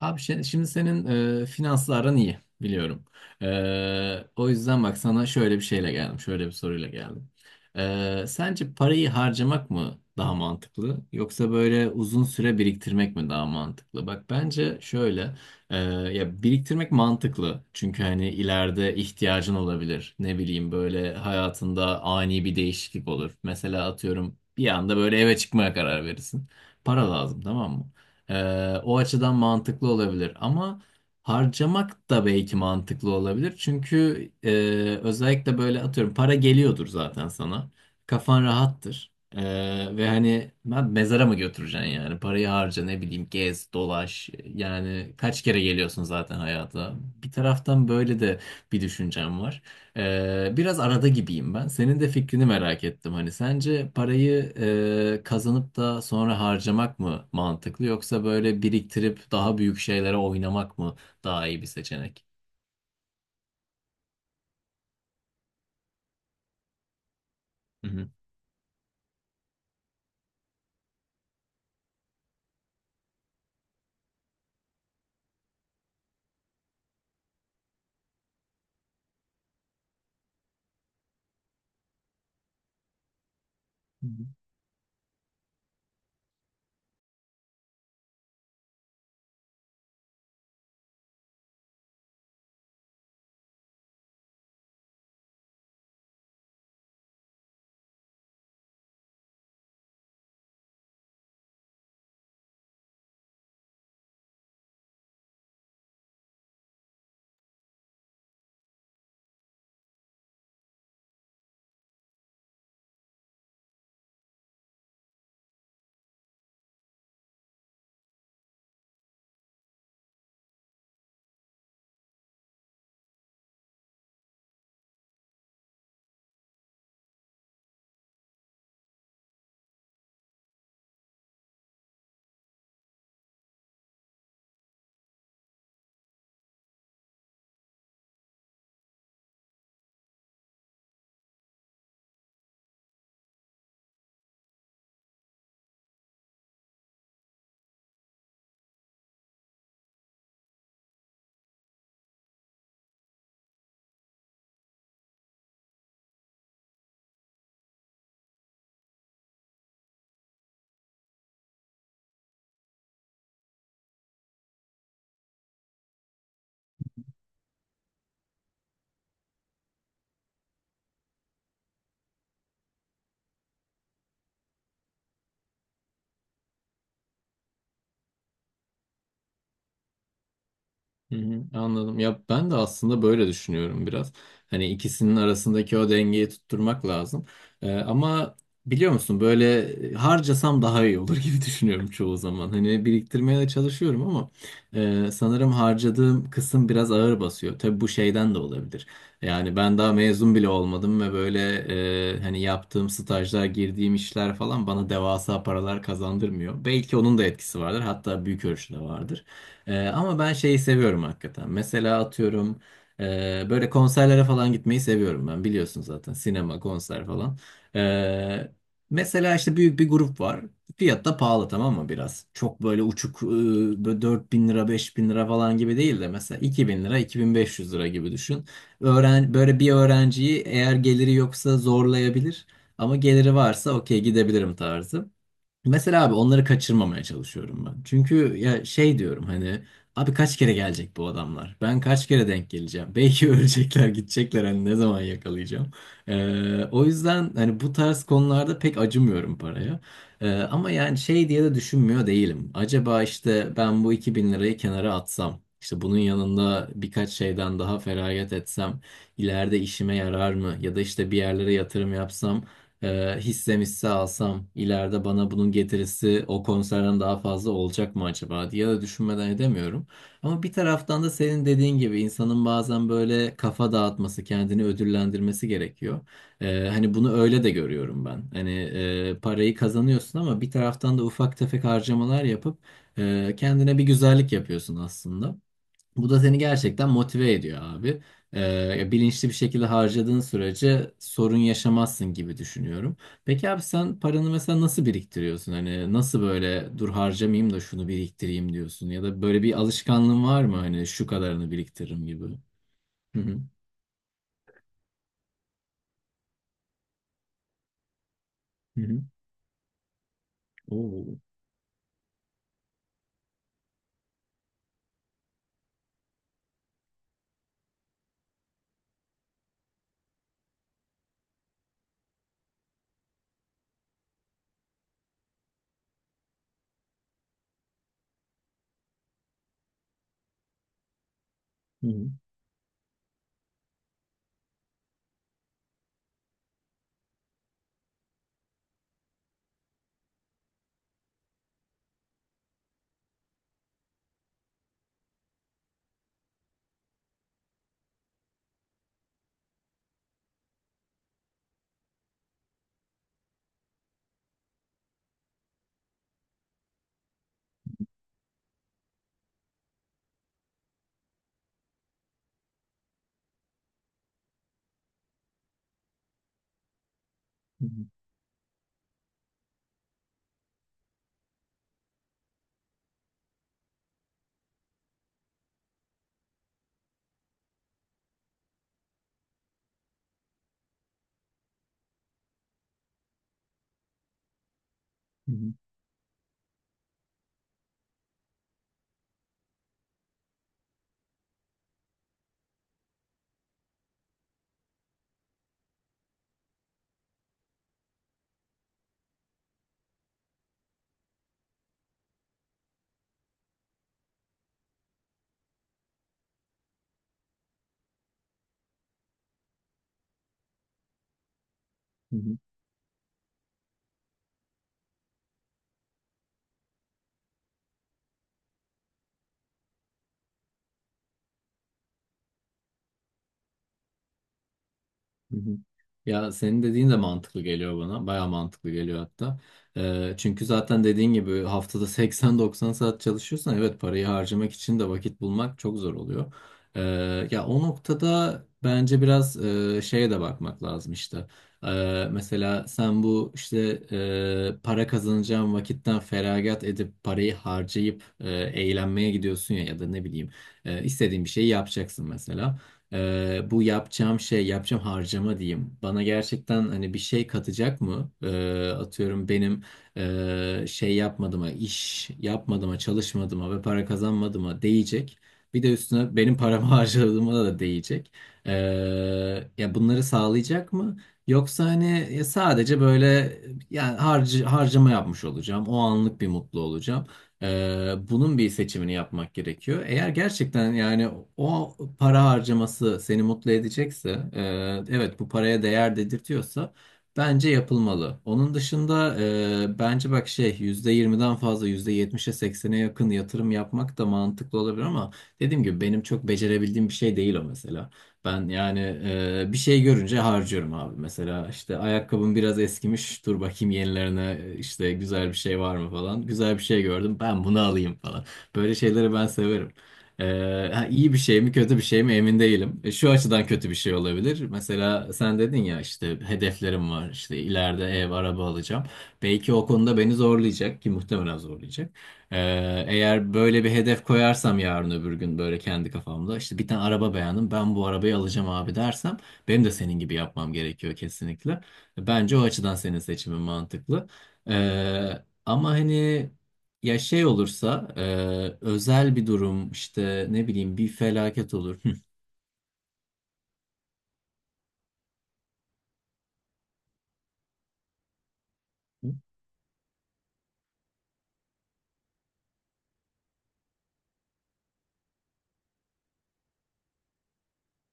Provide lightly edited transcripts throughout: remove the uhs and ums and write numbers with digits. Abi şimdi senin finansların iyi biliyorum. O yüzden bak sana şöyle bir şeyle geldim. Şöyle bir soruyla geldim. Sence parayı harcamak mı daha mantıklı yoksa böyle uzun süre biriktirmek mi daha mantıklı? Bak bence şöyle ya biriktirmek mantıklı. Çünkü hani ileride ihtiyacın olabilir. Ne bileyim böyle hayatında ani bir değişiklik olur. Mesela atıyorum bir anda böyle eve çıkmaya karar verirsin. Para lazım, tamam mı? O açıdan mantıklı olabilir ama harcamak da belki mantıklı olabilir. Çünkü özellikle böyle atıyorum para geliyordur zaten sana. Kafan rahattır. Ve hani ben mezara mı götüreceksin yani? Parayı harca, ne bileyim, gez, dolaş. Yani kaç kere geliyorsun zaten hayata. Bir taraftan böyle de bir düşüncem var. Biraz arada gibiyim ben. Senin de fikrini merak ettim. Hani sence parayı kazanıp da sonra harcamak mı mantıklı yoksa böyle biriktirip daha büyük şeylere oynamak mı daha iyi bir seçenek? Hı hı. Hı hı, anladım. Ya ben de aslında böyle düşünüyorum biraz. Hani ikisinin arasındaki o dengeyi tutturmak lazım. Ama biliyor musun, böyle harcasam daha iyi olur gibi düşünüyorum çoğu zaman. Hani biriktirmeye de çalışıyorum ama sanırım harcadığım kısım biraz ağır basıyor. Tabii bu şeyden de olabilir. Yani ben daha mezun bile olmadım ve böyle hani yaptığım stajlar, girdiğim işler falan bana devasa paralar kazandırmıyor. Belki onun da etkisi vardır. Hatta büyük ölçüde vardır. Ama ben şeyi seviyorum hakikaten. Mesela atıyorum böyle konserlere falan gitmeyi seviyorum ben. Biliyorsun zaten, sinema, konser falan. Ee, Mesela işte büyük bir grup var. Fiyat da pahalı, tamam mı, biraz? Çok böyle uçuk, böyle 4000 lira 5000 lira falan gibi değil de mesela 2000 lira 2500 lira gibi düşün. Öğren, böyle bir öğrenciyi eğer geliri yoksa zorlayabilir. Ama geliri varsa okey gidebilirim tarzı. Mesela abi onları kaçırmamaya çalışıyorum ben. Çünkü ya şey diyorum hani, abi kaç kere gelecek bu adamlar? Ben kaç kere denk geleceğim? Belki ölecekler, gidecekler, hani ne zaman yakalayacağım? O yüzden hani bu tarz konularda pek acımıyorum paraya. Ama yani şey diye de düşünmüyor değilim. Acaba işte ben bu 2000 lirayı kenara atsam, işte bunun yanında birkaç şeyden daha feragat etsem, ileride işime yarar mı? Ya da işte bir yerlere yatırım yapsam hisse alsam ileride bana bunun getirisi o konserden daha fazla olacak mı acaba diye de düşünmeden edemiyorum. Ama bir taraftan da senin dediğin gibi insanın bazen böyle kafa dağıtması, kendini ödüllendirmesi gerekiyor. Hani bunu öyle de görüyorum ben. Hani parayı kazanıyorsun ama bir taraftan da ufak tefek harcamalar yapıp kendine bir güzellik yapıyorsun aslında. Bu da seni gerçekten motive ediyor abi. Bilinçli bir şekilde harcadığın sürece sorun yaşamazsın gibi düşünüyorum. Peki abi, sen paranı mesela nasıl biriktiriyorsun? Hani nasıl böyle, dur harcamayayım da şunu biriktireyim diyorsun? Ya da böyle bir alışkanlığın var mı? Hani şu kadarını biriktiririm gibi. Hı hı. Hı hı. Oo. Hı hı. Hı hı. Hı hı. Hı hı. Hı hı. Ya senin dediğin de mantıklı geliyor bana. Baya mantıklı geliyor hatta. Çünkü zaten dediğin gibi haftada 80-90 saat çalışıyorsan, evet, parayı harcamak için de vakit bulmak çok zor oluyor. Ya o noktada bence biraz şeye de bakmak lazım işte. Mesela sen bu işte para kazanacağın vakitten feragat edip parayı harcayıp eğlenmeye gidiyorsun ya, ya da ne bileyim istediğin bir şeyi yapacaksın mesela. Bu yapacağım şey, yapacağım harcama diyeyim, bana gerçekten hani bir şey katacak mı? Atıyorum benim şey yapmadığıma, iş yapmadığıma, çalışmadığıma ve para kazanmadığıma değecek. Bir de üstüne benim paramı harcadığıma da değecek. Ee, Ya bunları sağlayacak mı? Yoksa hani ya sadece böyle yani harcama yapmış olacağım. O anlık bir mutlu olacağım. Bunun bir seçimini yapmak gerekiyor. Eğer gerçekten yani o para harcaması seni mutlu edecekse, evet bu paraya değer dedirtiyorsa bence yapılmalı. Onun dışında bence bak şey yüzde yirmiden fazla %70'e seksen'e yakın yatırım yapmak da mantıklı olabilir ama dediğim gibi benim çok becerebildiğim bir şey değil o mesela. Ben yani bir şey görünce harcıyorum abi. Mesela işte ayakkabım biraz eskimiş. Dur bakayım yenilerine, işte güzel bir şey var mı falan. Güzel bir şey gördüm. Ben bunu alayım falan. Böyle şeyleri ben severim. E, ha, iyi bir şey mi kötü bir şey mi emin değilim. Şu açıdan kötü bir şey olabilir. Mesela sen dedin ya, işte hedeflerim var. İşte ileride ev, araba alacağım. Belki o konuda beni zorlayacak ki muhtemelen zorlayacak. Eğer böyle bir hedef koyarsam, yarın öbür gün böyle kendi kafamda işte bir tane araba beğendim, ben bu arabayı alacağım abi dersem, benim de senin gibi yapmam gerekiyor kesinlikle. Bence o açıdan senin seçimin mantıklı. Ama hani ya şey olursa, özel bir durum işte, ne bileyim bir felaket olur. Hı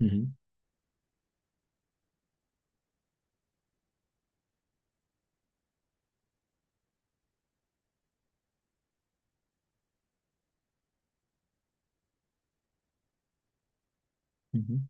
hı hı hı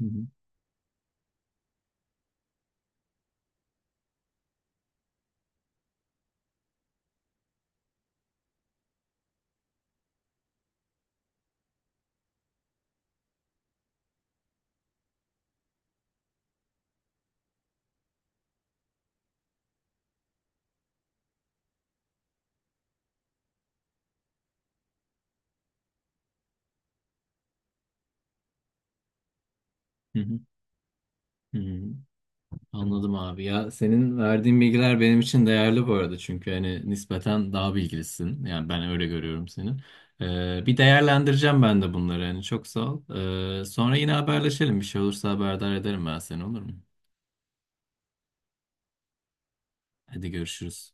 hı hı hı hı hı. Anladım abi, ya senin verdiğin bilgiler benim için değerli bu arada, çünkü hani nispeten daha bilgilisin, yani ben öyle görüyorum seni. Bir değerlendireceğim ben de bunları, yani çok sağ ol. Sonra yine haberleşelim, bir şey olursa haberdar ederim ben seni, olur mu? Hadi görüşürüz.